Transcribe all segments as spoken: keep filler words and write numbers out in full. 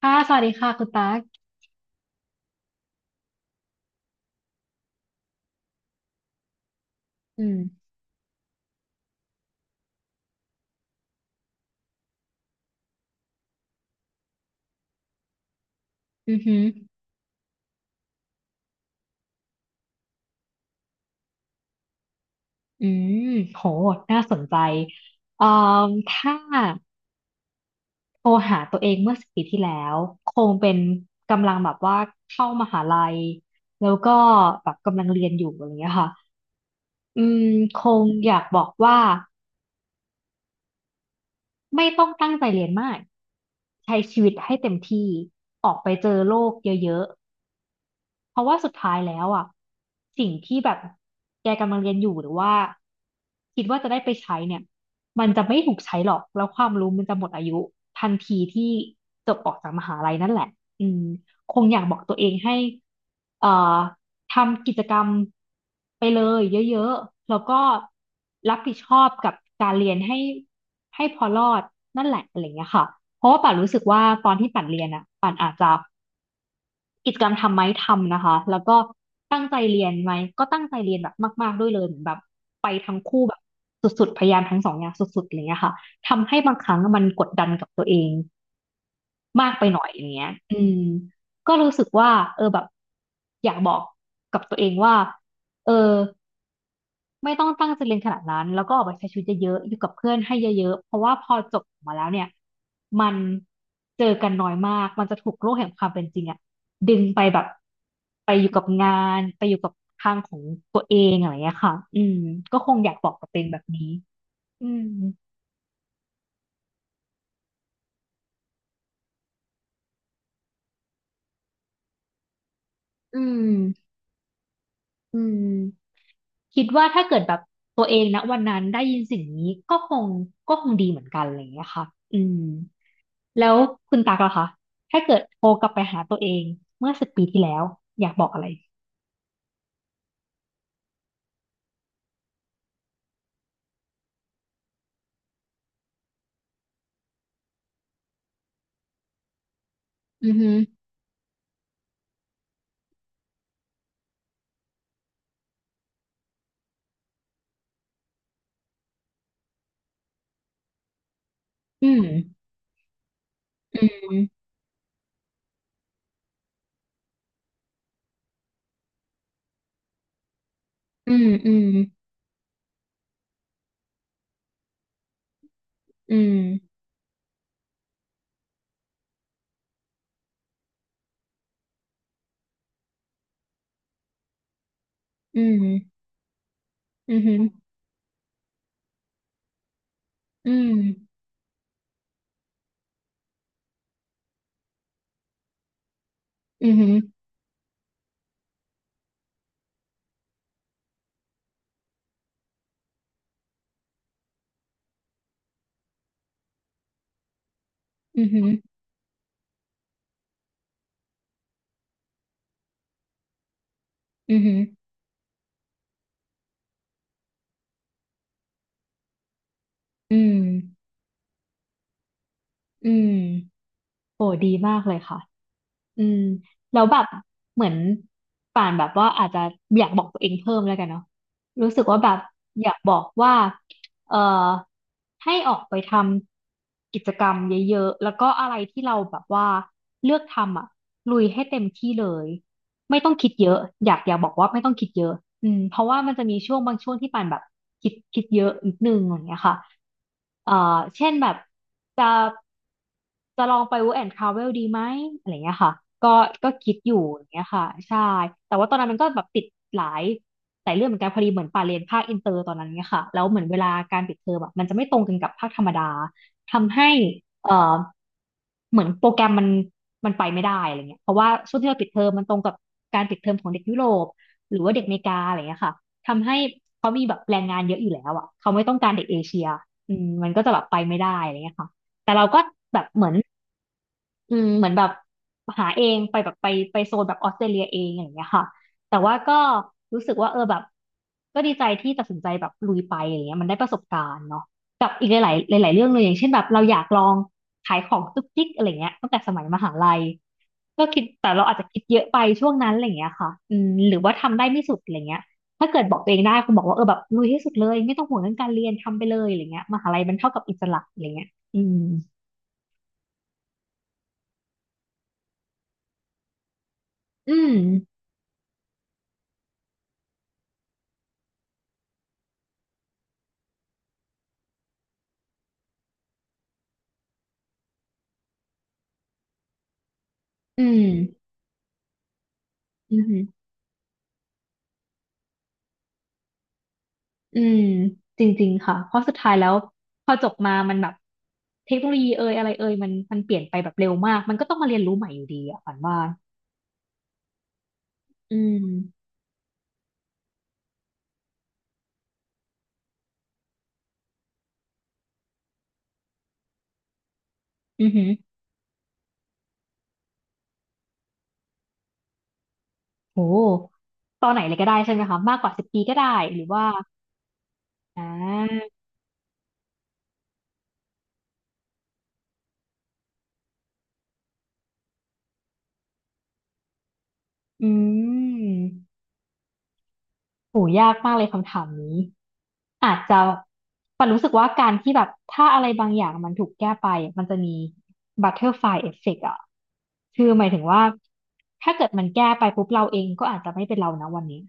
ค่ะสวัสดีค่ะคุณตั๊กอืมอือหืออืมโหน่าสนใจเอ่อถ้าโทรหาตัวเองเมื่อสิบปีที่แล้วคงเป็นกำลังแบบว่าเข้ามหาลัยแล้วก็แบบกำลังเรียนอยู่อะไรเงี้ยค่ะอืมคงอยากบอกว่าไม่ต้องตั้งใจเรียนมากใช้ชีวิตให้เต็มที่ออกไปเจอโลกเยอะ เพราะว่าสุดท้ายแล้วอ่ะสิ่งที่แบบแกกำลังเรียนอยู่หรือว่าคิดว่าจะได้ไปใช้เนี่ยมันจะไม่ถูกใช้หรอกแล้วความรู้มันจะหมดอายุทันทีที่จบออกจากมหาลัยนั่นแหละอืมคงอยากบอกตัวเองให้เอ่อทำกิจกรรมไปเลยเยอะๆแล้วก็รับผิดชอบกับการเรียนให้ให้พอรอดนั่นแหละอะไรเงี้ยค่ะเพราะว่าป่านรู้สึกว่าตอนที่ป่านเรียนอ่ะป่านอาจจะ กิจกรรมทำไหมทำนะคะแล้วก็ตั้งใจเรียนไหมก็ตั้งใจเรียนแบบมากๆด้วยเลยเหมือนแบบไปทั้งคู่แบบสุดๆพยายามทั้งสองอย่างสุดๆอะไรเงี้ยค่ะทำให้บางครั้งมันกดดันกับตัวเองมากไปหน่อยอย่างเงี้ยอืมก็รู้สึกว่าเออแบบอยากบอกกับตัวเองว่าเออ ไม่ต้องตั้งใจเรียนขนาดนั้นแล้วก็ออกไปใช้ชีวิตเยอะๆอยู่กับเพื่อนให้เยอะๆเพราะว่าพอจบออกมาแล้วเนี่ยมันเจอกันน้อยมากมันจะถูกโลกแห่งความเป็นจริงอะดึงไปแบบไปอยู่กับงานไปอยู่กับทางของตัวเองอะไรอย่างเงี้ยค่ะอืมก็คงอยากบอกกับตัวเองแบบนี้อืมอืมอืมคิดว่าถ้าเกิดแบบตัวเองนะวันนั้นได้ยินสิ่งนี้ก็คงก็คงดีเหมือนกันอะไรอย่างเงี้ยค่ะอืม แล้วคุณตากล่ะคะ ถ้าเกิดโทรกลับไปหาตัวเองเมื่อสิบปีที่แล้วอยากบอกอะไรอือฮึอืม อืม อืม อืม อืม อืมอืม อืมอืมอืมอืมอืมอืมอืม อืมแล้วแบบเหมือนป่านแบบว่าอาจจะอยากบอกตัวเองเพิ่มแล้วกันเนาะรู้สึกว่าแบบอยากบอกว่าเอ่อให้ออกไปทำกิจกรรมเยอะๆแล้วก็อะไรที่เราแบบว่าเลือกทำอ่ะลุยให้เต็มที่เลย ไม่ต้องคิดเยอะอยากอยากบอกว่าไม่ต้องคิดเยอะอืมเพราะว่ามันจะมีช่วงบางช่วงที่ปานแบบคิดคิดเยอะนิดนึงอย่างเงี้ยค่ะเอ่อเช่นแบบจะจะลองไป work and travel ดีไหมอะไรเงี้ยค่ะก็ก็คิดอยู่อย่างเงี้ยค่ะใช่แต่ว่าตอนนั้นมันก็แบบติดหลายหลายเรื่องเหมือนกันพอดีเหมือนปาเรียนภาคอินเตอร์ตอนนั้นเงี้ยค่ะแล้วเหมือนเวลาการปิดเทอมอะมันจะไม่ตรงกันกับภาคธรรมดา ทำให้เอ่อเหมือนโปรแกรมมันมันไปไม่ได้อะไรเงี้ยเพราะว่าช่วงที่เราปิดเทอมมันตรงกับการปิดเทอมของเด็กยุโรปหรือว่าเด็กอเมริกาอะไรเงี้ยค่ะทำให้เขามีแบบแรงงานเยอะอยู่แล้วอ่ะเขาไม่ต้องการเด็กเอเชียอืมมันก็จะแบบไปไม่ได้อะไรเงี้ยค่ะแต่เราก็แบบเหมือน อืมเหมือนแบบหาเองไปแบบไปไปโซนแบบออสเตรเลียเองอย่างเงี้ยค่ะแต่ว่าก็รู้สึกว่าเออแบบก็ดีใจที่ตัดสินใจแบบลุยไปอย่างเงี้ยมันได้ประสบการณ์เนาะกับอีกหลายๆหลายๆเรื่องเลยอย่างเช่นแบบเราอยากลองขายของจุกจิกอะไรเงี้ยตั้งแต่สมัยมหาลัยก็คิดแต่เราอาจจะคิดเยอะไปช่วงนั้นอะไรเงี้ยค่ะอืมหรือว่าทำได้ไม่สุดอะไรเงี้ยถ้าเกิดบอกตัวเองได้คุณบอกว่าเออแบบลุยให้สุดเลยไม่ต้องห่วงเรื่องการเรียนทำไปเลยอะไรเงี้ยมหาลัยมันเท่ากับอิสระอะไรเงี้ยอืมอืมอืม อืมอืมจริงๆค่ะ เพราะสุดท้ายแล้วพอจบมา มันแบบเทคโนโลยีเอ่ยอะไรเอ่ยมันมันเปลี่ยนไปแบบเร็วมาก มันก็ต้องมาเรียนรู้ใหม่อยู่ดีอะฝันว่าอืมอือหือโอ้ตอนไหนเลยก็ได้ใช่ไหมคะมากกว่าสิบปีก็ได้หรือว่าอ่าอืม โหยากมากเลยคำถามนี้อาจจะปันรู้สึกว่าการที่แบบถ้าอะไรบางอย่างมันถูกแก้ไปมันจะมีบัตเตอร์ฟลายเอฟเฟกต์อ่ะคือหมายถึงว่าถ้าเกิดมันแก้ไปปุ๊บเราเองก็อาจจะไม่เป็นเรานะวันนี้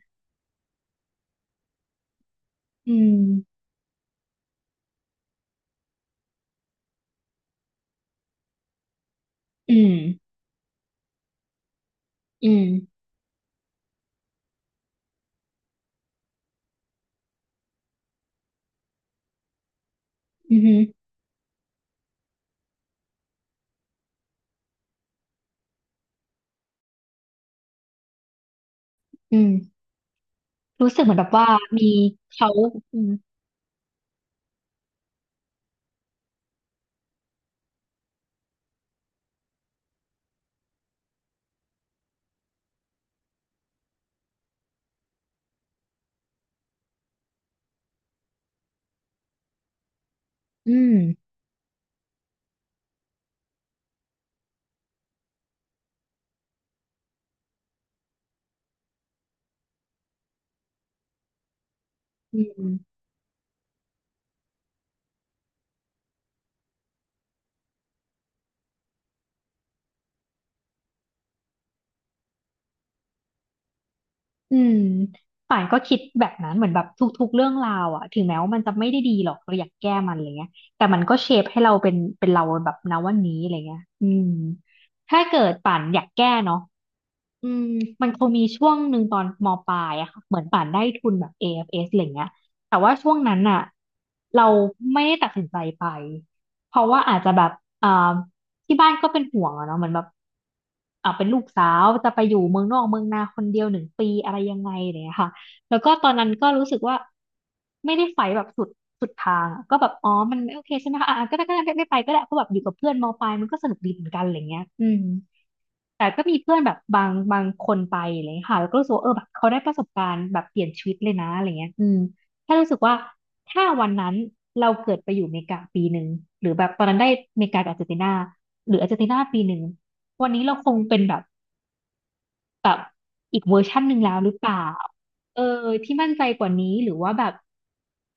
อืมอืมอืมอืมอหืออืมรู้สึกเหมือนแบบว่ามีเขาอืมอืมอืม อืมป่านก็คิดแบบนั้นเหมือนแบบทุกๆเรื่องราวอะถึงแม้ว่ามันจะไม่ได้ดีหรอกเราอยากแก้มันอะไรเงี้ยแต่มันก็เชฟให้เราเป็นเป็นเราแบบณวันนี้อะไรเงี้ยอืมถ้าเกิดป่านอยากแก้เนาะอืมมันคงมีช่วงหนึ่งตอนมปลายอะค่ะเหมือนป่านได้ทุนแบบ เอ เอฟ เอส อเอฟเอสอะไรเงี้ยแต่ว่าช่วงนั้นอะเราไม่ได้ตัดสินใจไปเพราะว่าอาจจะแบบอ่า ที่บ้านก็เป็นห่วงอะเนาะเหมือนแบบอ่าเป็นลูกสาวจะไปอยู่เมืองนอกเมืองนาคนเดียวหนึ่งปีอะไรยังไงอะไรอย่างเนี่ยค่ะแล้วก็ตอนนั้นก็รู้สึกว่าไม่ได้ไฟแบบสุดสุดทางอะก็แบบอ๋อมันไม่โอเคใช่ไหมคะอ่ะก็ได้ก็ได้ไม่ไม่ไปก็ได้เพราะแบบอยู่กับเพื่อนมปลายมันก็สนุกดีเหมือนกันอะไรเงี้ยอืม แต่ก็มีเพื่อนแบบบางบางคนไปอะไรอย่างเลยค่ะแล้วก็รู้สึกว่าเออแบบเขาได้ประสบการณ์แบบเปลี่ยนชีวิตเลยนะอะไรเงี้ยอืมแค่รู้สึกว่าถ้าวันนั้นเราเกิดไปอยู่อเมริกาปีหนึ่งหรือแบบตอนนั้นได้อเมริกากับอาร์เจนตินาหรืออาร์เจนตินาปีหนึ่งวันนี้เราคงเป็นแบบอีกเวอร์ชันหนึ่งแล้วหรือเปล่าเออที่มั่นใจกว่านี้หรือว่าแบบ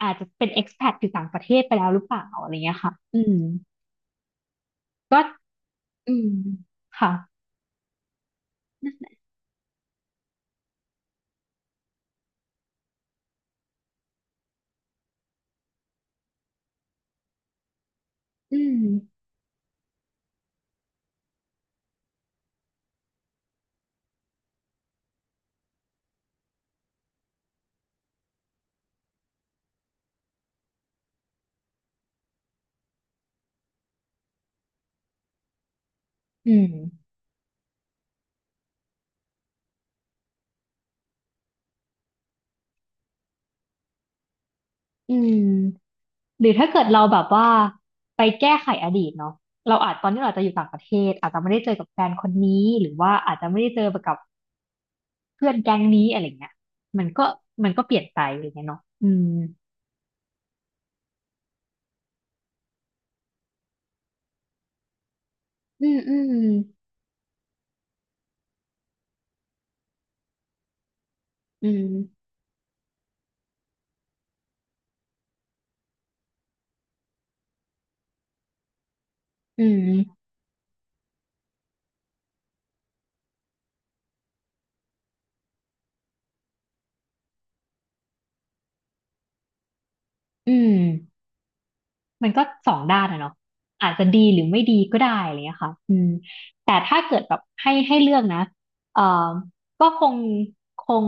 อาจจะเป็น expat อยู่ต่างประเทศไปแล้วหรือเปล่าอะไรเงี้ยค่ะอืมก็อืมค่ะอืมอืม อืมหรือถ้าเกิดเราแบบว่าไปแก้ไขอดีตเนาะเราอาจตอนนี้เราอาจจะอยู่ต่างประเทศอาจจะไม่ได้เจอกับแฟนคนนี้หรือว่าอาจจะไม่ได้เจอกับเพื่อนแก๊งนี้อะไรเงี้ยมันก็มันก็เปลี่ยนไปอะไรเงี้ยเนาะอืมอืมอืมอืมอืมอืมมันก็สองด้านอะเนาะอาจจะดีหรือไม่ดีก็ได้อะไรเงี้ยค่ะอืมแต่ถ้าเกิดแบบให้ให้เลือกนะเอ่อก็คงคง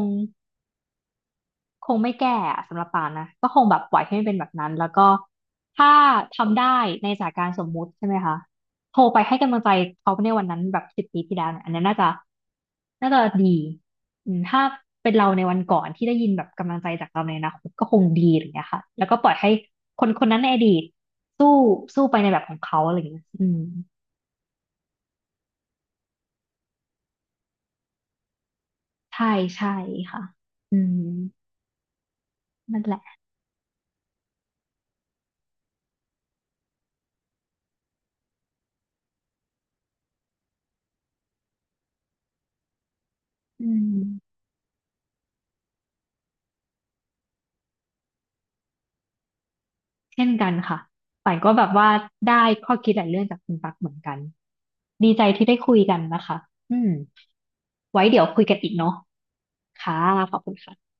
คงไม่แก้อะสำหรับปานนะก็คงแบบปล่อยให้มันเป็นแบบนั้นแล้วก็ถ้าทำได้ในสถานการณ์สมมุติใช่ไหมคะโทรไปให้กำลังใจเขาในวันนั้นแบบสิบปีที่แล้วเนี่ยอันนี้นน่าจะน่าจะดีอืมถ้าเป็นเราในวันก่อนที่ได้ยินแบบกำลังใจจากเราในอนาคตก็คงดีอะไรอย่างเงี้ยค่ะแล้วก็ปล่อยให้คนคนนั้นในอดีตสู้สู้ไปในแบบของเขาอะไรอย่างเงี้ยอืมใช่ใช่ค่ะอืมนั่นแหละอืม เช่นกันค่ะป่านก็แบบว่าได้ข้อคิดหลายเรื่องจากคุณปักเหมือนกัน ดีใจที่ได้คุยกันนะคะอืมไว้เดี๋ยวคุยกันอีกเนาะค่ะ ขอบคุณค่ะ